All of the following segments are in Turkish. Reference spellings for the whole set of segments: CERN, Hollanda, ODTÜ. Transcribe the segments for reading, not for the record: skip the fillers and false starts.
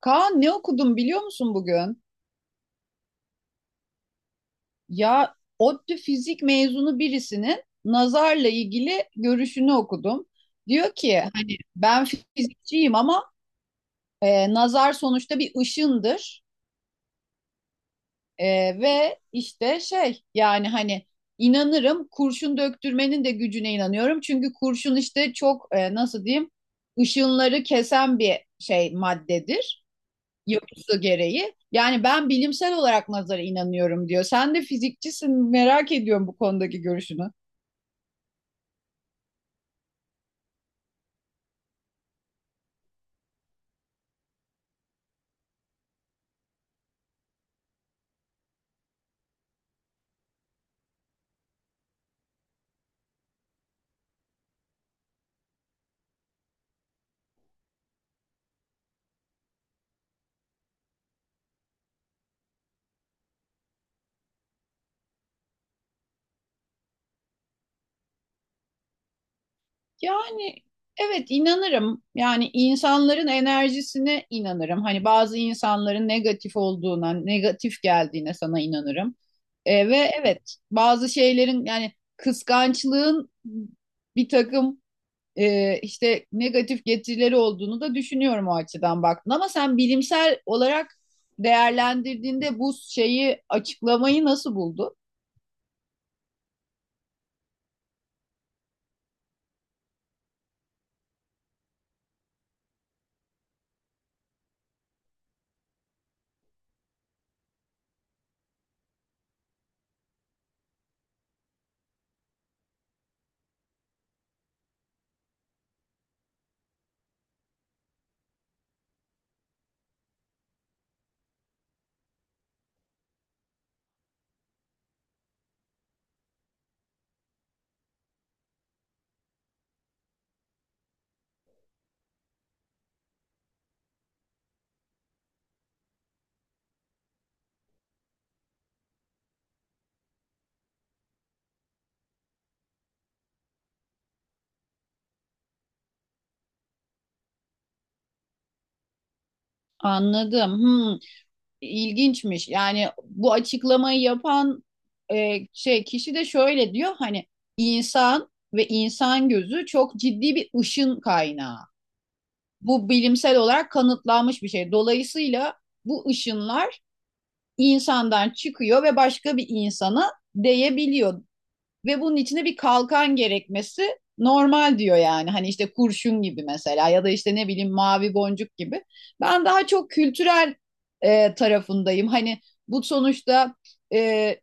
Kaan, ne okudum biliyor musun bugün? Ya ODTÜ fizik mezunu birisinin nazarla ilgili görüşünü okudum. Diyor ki hani ben fizikçiyim ama nazar sonuçta bir ışındır. E, Ve işte şey, yani hani inanırım, kurşun döktürmenin de gücüne inanıyorum. Çünkü kurşun işte çok nasıl diyeyim, ışınları kesen bir şey maddedir. Yapısı gereği. Yani ben bilimsel olarak nazara inanıyorum diyor. Sen de fizikçisin, merak ediyorum bu konudaki görüşünü. Yani evet, inanırım. Yani insanların enerjisine inanırım. Hani bazı insanların negatif olduğuna, negatif geldiğine sana inanırım. Ve evet, bazı şeylerin yani kıskançlığın bir takım işte negatif getirileri olduğunu da düşünüyorum, o açıdan baktın. Ama sen bilimsel olarak değerlendirdiğinde bu şeyi açıklamayı nasıl buldun? Anladım. Hmm, ilginçmiş. Yani bu açıklamayı yapan şey kişi de şöyle diyor: hani insan ve insan gözü çok ciddi bir ışın kaynağı. Bu bilimsel olarak kanıtlanmış bir şey. Dolayısıyla bu ışınlar insandan çıkıyor ve başka bir insana değebiliyor. Ve bunun içine bir kalkan gerekmesi normal diyor yani. Hani işte kurşun gibi mesela, ya da işte ne bileyim mavi boncuk gibi. Ben daha çok kültürel tarafındayım. Hani bu sonuçta e,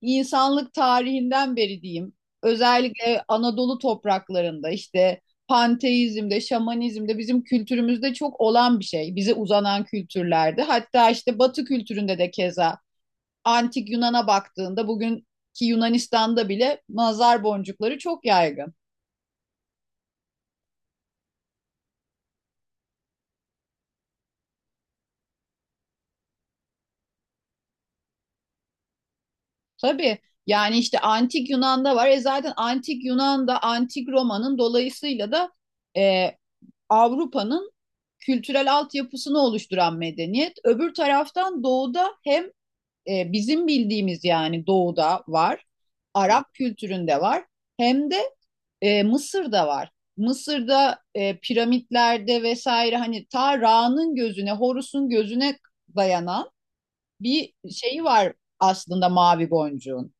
insanlık tarihinden beri diyeyim. Özellikle Anadolu topraklarında işte panteizmde, şamanizmde, bizim kültürümüzde çok olan bir şey. Bize uzanan kültürlerde. Hatta işte Batı kültüründe de keza antik Yunan'a baktığında bugünkü Yunanistan'da bile nazar boncukları çok yaygın. Tabii, yani işte antik Yunan'da var. E zaten antik Yunan'da, antik Roma'nın dolayısıyla da e, Avrupa'nın kültürel altyapısını oluşturan medeniyet. Öbür taraftan doğuda hem bizim bildiğimiz, yani doğuda var, Arap kültüründe var, hem de Mısır'da var. Mısır'da piramitlerde vesaire, hani ta Ra'nın gözüne, Horus'un gözüne dayanan bir şeyi var aslında mavi boncuğun.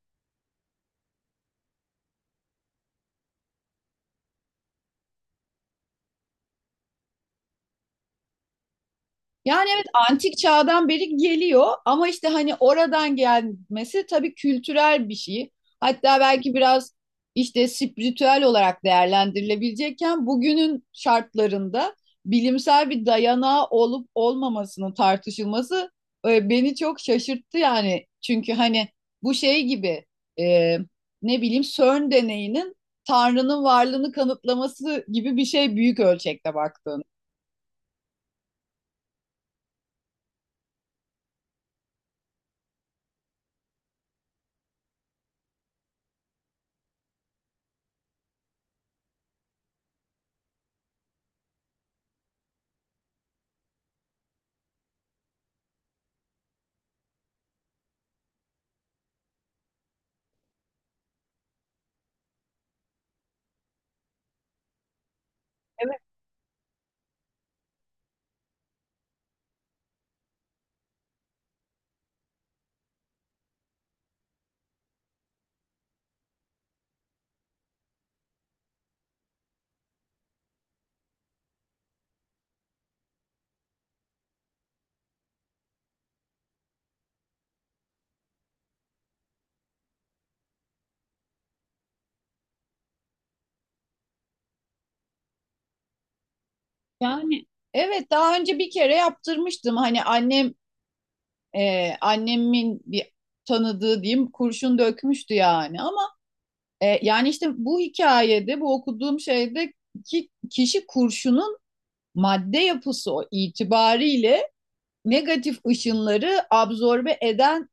Yani evet, antik çağdan beri geliyor ama işte hani oradan gelmesi tabii kültürel bir şey. Hatta belki biraz işte spiritüel olarak değerlendirilebilecekken bugünün şartlarında bilimsel bir dayanağı olup olmamasının tartışılması beni çok şaşırttı yani. Çünkü hani bu şey gibi, e, ne bileyim CERN deneyinin Tanrı'nın varlığını kanıtlaması gibi bir şey büyük ölçekte baktığında. Yani evet, daha önce bir kere yaptırmıştım. Hani annem, annemin bir tanıdığı diyeyim, kurşun dökmüştü yani. Ama yani işte bu hikayede, bu okuduğum şeyde ki kişi kurşunun madde yapısı o itibariyle negatif ışınları absorbe eden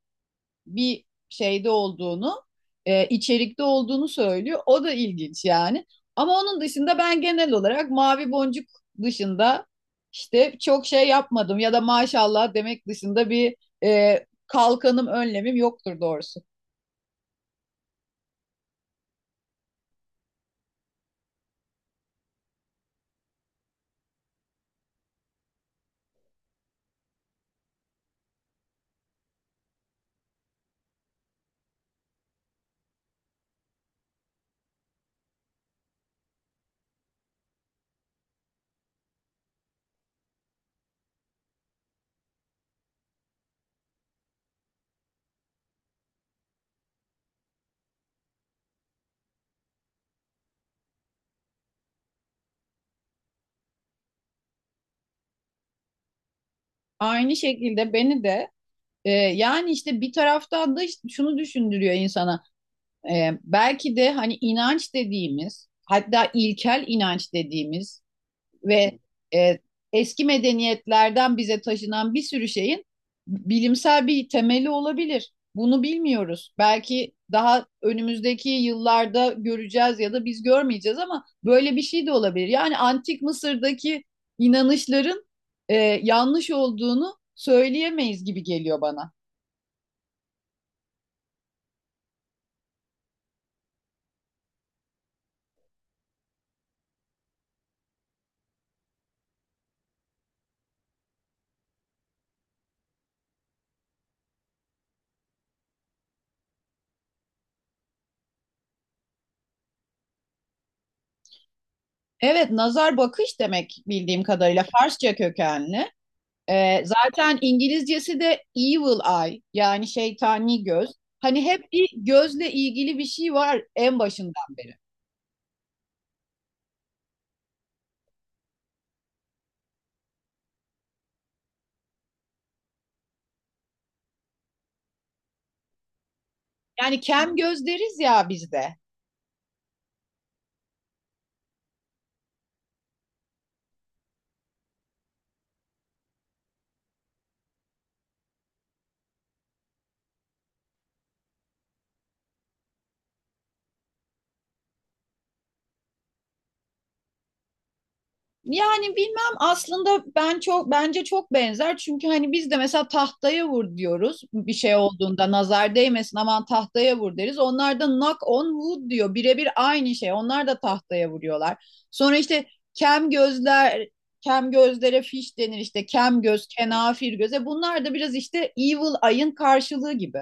bir şeyde olduğunu, içerikte olduğunu söylüyor. O da ilginç yani. Ama onun dışında ben genel olarak Mavi Boncuk dışında işte çok şey yapmadım, ya da maşallah demek dışında bir kalkanım, önlemim yoktur doğrusu. Aynı şekilde beni de yani işte bir taraftan da işte şunu düşündürüyor insana. Belki de hani inanç dediğimiz, hatta ilkel inanç dediğimiz ve e, eski medeniyetlerden bize taşınan bir sürü şeyin bilimsel bir temeli olabilir. Bunu bilmiyoruz. Belki daha önümüzdeki yıllarda göreceğiz ya da biz görmeyeceğiz, ama böyle bir şey de olabilir. Yani antik Mısır'daki inanışların e, yanlış olduğunu söyleyemeyiz gibi geliyor bana. Evet, nazar bakış demek bildiğim kadarıyla, Farsça kökenli. Zaten İngilizcesi de evil eye, yani şeytani göz. Hani hep bir gözle ilgili bir şey var en başından beri. Yani kem göz deriz ya bizde. Yani bilmem aslında ben çok, bence çok benzer. Çünkü hani biz de mesela tahtaya vur diyoruz bir şey olduğunda, nazar değmesin aman tahtaya vur deriz. Onlar da knock on wood diyor, birebir aynı şey, onlar da tahtaya vuruyorlar. Sonra işte kem gözler, kem gözlere fiş denir, işte kem göz kenafir göze, bunlar da biraz işte evil eye'ın karşılığı gibi.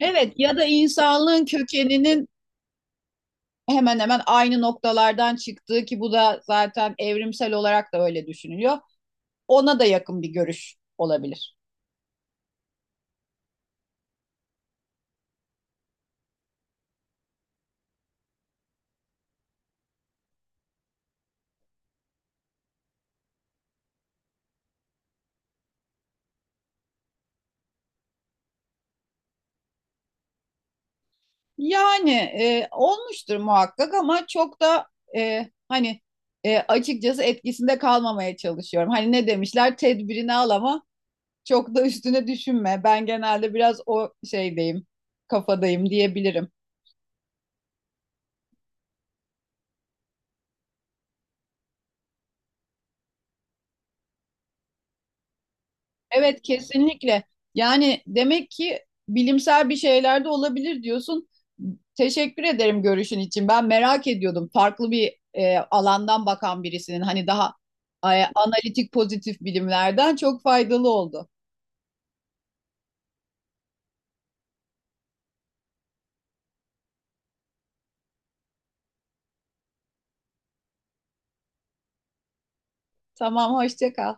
Evet, ya da insanlığın kökeninin hemen hemen aynı noktalardan çıktığı, ki bu da zaten evrimsel olarak da öyle düşünülüyor. Ona da yakın bir görüş olabilir. Yani olmuştur muhakkak, ama çok da e, hani açıkçası etkisinde kalmamaya çalışıyorum. Hani ne demişler, tedbirini al ama çok da üstüne düşünme. Ben genelde biraz o şeydeyim, kafadayım diyebilirim. Evet, kesinlikle. Yani demek ki bilimsel bir şeyler de olabilir diyorsun. Teşekkür ederim görüşün için. Ben merak ediyordum. Farklı bir alandan bakan birisinin, hani daha e, analitik pozitif bilimlerden, çok faydalı oldu. Tamam, hoşça kal.